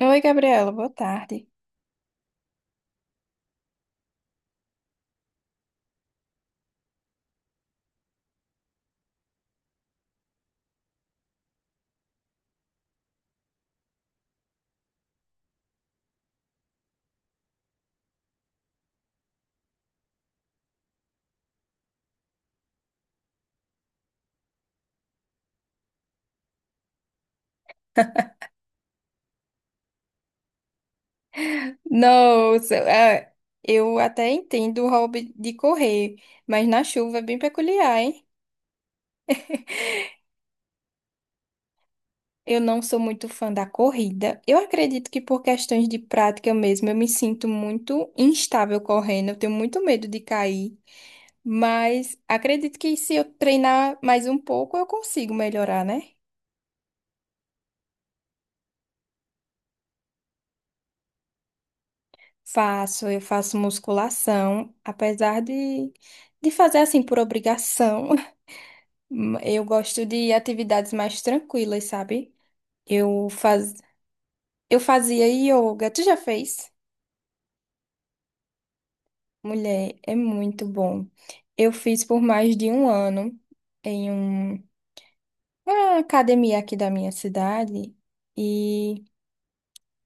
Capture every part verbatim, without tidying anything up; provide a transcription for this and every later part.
Oi, Gabriela, boa tarde. Nossa, ah, eu até entendo o hobby de correr, mas na chuva é bem peculiar, hein? Eu não sou muito fã da corrida. Eu acredito que por questões de prática mesmo, eu me sinto muito instável correndo, eu tenho muito medo de cair, mas acredito que se eu treinar mais um pouco, eu consigo melhorar, né? Faço, eu faço musculação, apesar de, de fazer assim por obrigação. Hum, Eu gosto de atividades mais tranquilas, sabe? Eu faz... eu fazia yoga. Tu já fez? Mulher, é muito bom. Eu fiz por mais de um ano em um- uma academia aqui da minha cidade. E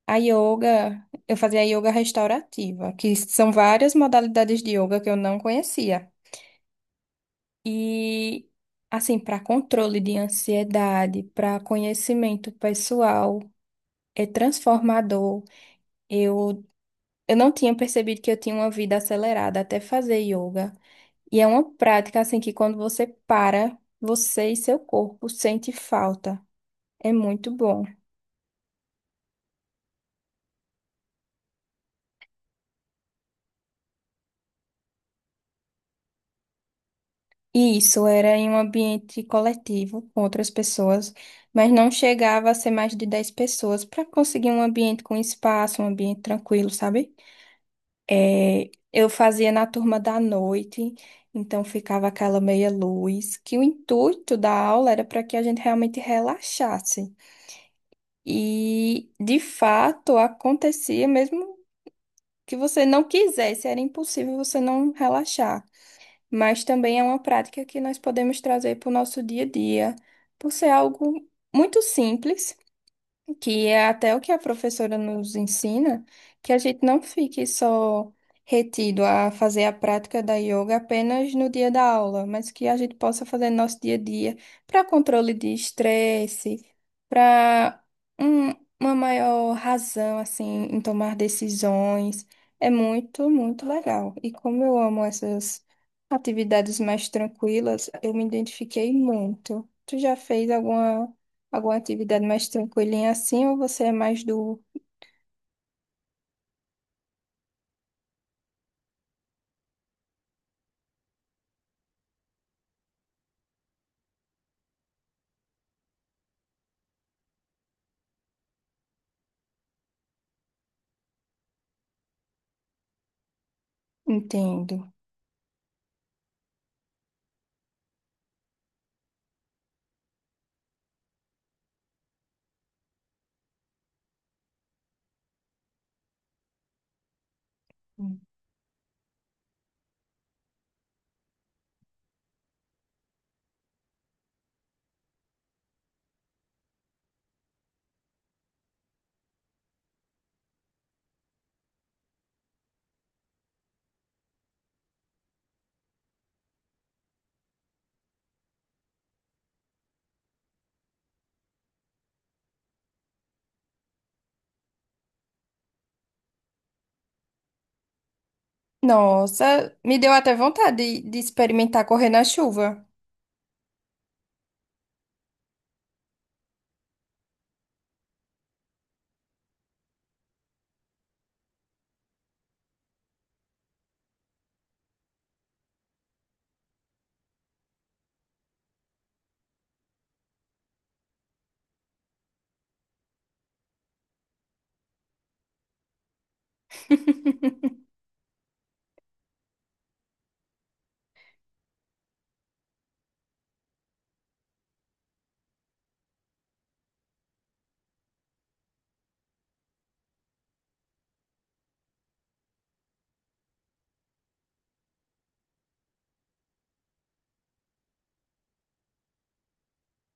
a yoga, eu fazia yoga restaurativa, que são várias modalidades de yoga que eu não conhecia. E assim, para controle de ansiedade, para conhecimento pessoal, é transformador. Eu Eu não tinha percebido que eu tinha uma vida acelerada até fazer yoga. E é uma prática assim que quando você para, você e seu corpo sente falta. É muito bom. E isso era em um ambiente coletivo com outras pessoas, mas não chegava a ser mais de dez pessoas para conseguir um ambiente com espaço, um ambiente tranquilo, sabe? É, eu fazia na turma da noite, então ficava aquela meia luz, que o intuito da aula era para que a gente realmente relaxasse. E de fato acontecia mesmo que você não quisesse, era impossível você não relaxar. Mas também é uma prática que nós podemos trazer para o nosso dia a dia, por ser algo muito simples que é até o que a professora nos ensina, que a gente não fique só retido a fazer a prática da yoga apenas no dia da aula, mas que a gente possa fazer no nosso dia a dia para controle de estresse, para uma maior razão assim em tomar decisões. É muito, muito legal. E como eu amo essas atividades mais tranquilas, eu me identifiquei muito. Tu já fez alguma Alguma atividade mais tranquilinha assim ou você é mais do... Entendo. Nossa, me deu até vontade de, de experimentar correr na chuva.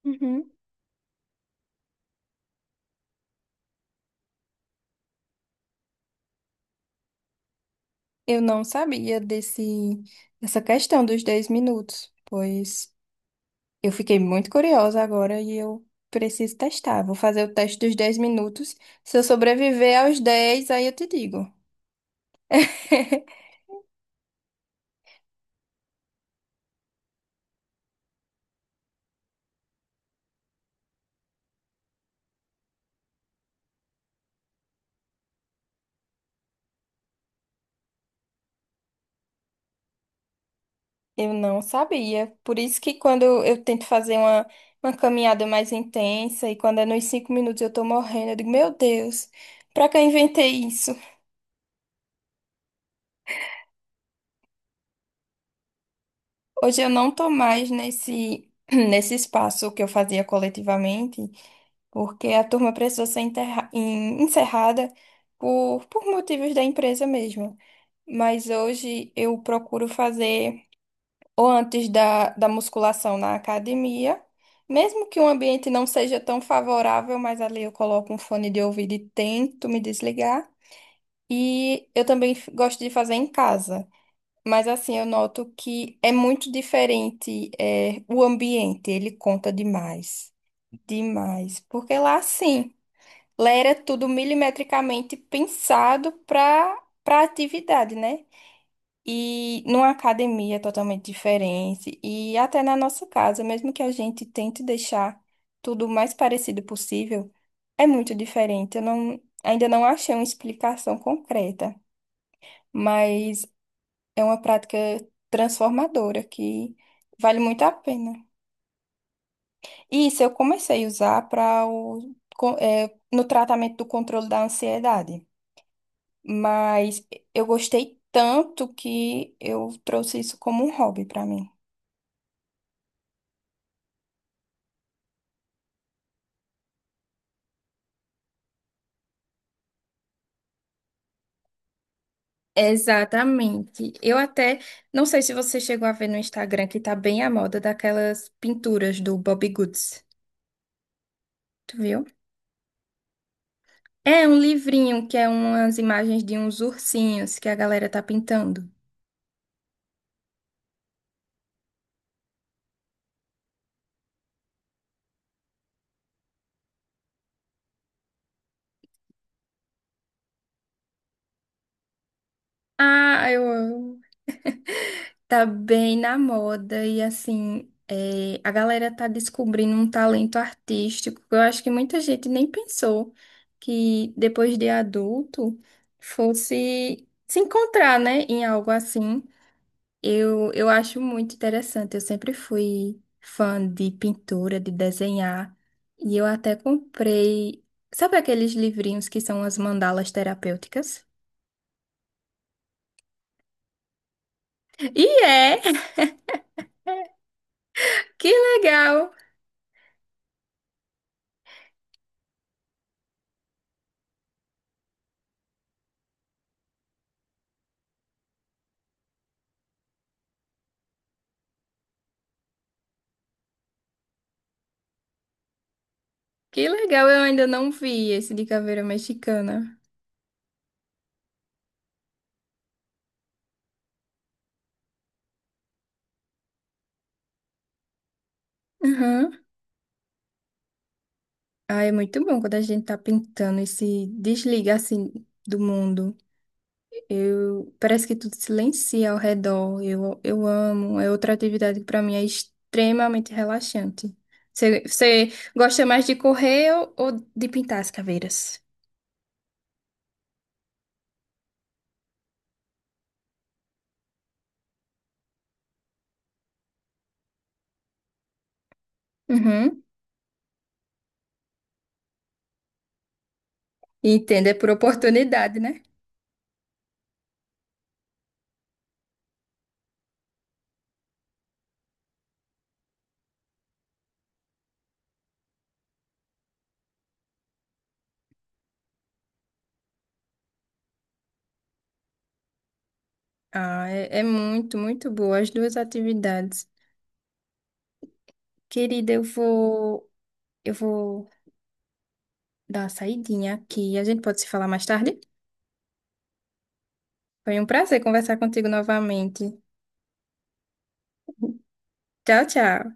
Uhum. Eu não sabia desse, dessa questão dos dez minutos, pois eu fiquei muito curiosa agora e eu preciso testar. Vou fazer o teste dos dez minutos. Se eu sobreviver aos dez, aí eu te digo. Eu não sabia. Por isso que quando eu tento fazer uma, uma caminhada mais intensa e quando é nos cinco minutos eu tô morrendo, eu digo, meu Deus, pra que eu inventei isso? Hoje eu não tô mais nesse, nesse espaço que eu fazia coletivamente, porque a turma precisou ser enterra- en- encerrada por, por motivos da empresa mesmo. Mas hoje eu procuro fazer, ou antes da, da musculação na academia. Mesmo que o ambiente não seja tão favorável, mas ali eu coloco um fone de ouvido e tento me desligar. E eu também f- gosto de fazer em casa. Mas assim, eu noto que é muito diferente, é, o ambiente, ele conta demais. Demais. Porque lá, sim, lá era tudo milimetricamente pensado para para atividade, né? E numa academia totalmente diferente. E até na nossa casa, mesmo que a gente tente deixar tudo o mais parecido possível, é muito diferente. Eu não, ainda não achei uma explicação concreta, mas é uma prática transformadora que vale muito a pena. E isso eu comecei a usar para o, con- eh, no tratamento do controle da ansiedade. Mas eu gostei tanto que eu trouxe isso como um hobby para mim. Exatamente. Eu até não sei se você chegou a ver no Instagram que tá bem à moda daquelas pinturas do Bobbie Goods. Tu viu? É um livrinho que é umas imagens de uns ursinhos que a galera tá pintando. Ah, eu amo. Tá bem na moda e assim, é, a galera tá descobrindo um talento artístico que eu acho que muita gente nem pensou que depois de adulto fosse se encontrar, né, em algo assim. Eu, eu acho muito interessante. Eu sempre fui fã de pintura, de desenhar, e eu até comprei, sabe aqueles livrinhos que são as mandalas terapêuticas? E é! Que legal! Que legal! Eu ainda não vi esse de caveira mexicana. Uhum. Ah, é muito bom quando a gente tá pintando e se desliga assim do mundo. Eu, parece que tudo silencia ao redor. Eu, eu amo. É outra atividade que para mim é extremamente relaxante. Você, você gosta mais de correr ou, ou de pintar as caveiras? Uhum. Entendo, é por oportunidade, né? Ah, é, é muito, muito boa as duas atividades. Querida, eu vou, eu vou dar uma saidinha aqui. A gente pode se falar mais tarde? Foi um prazer conversar contigo novamente. Tchau, tchau.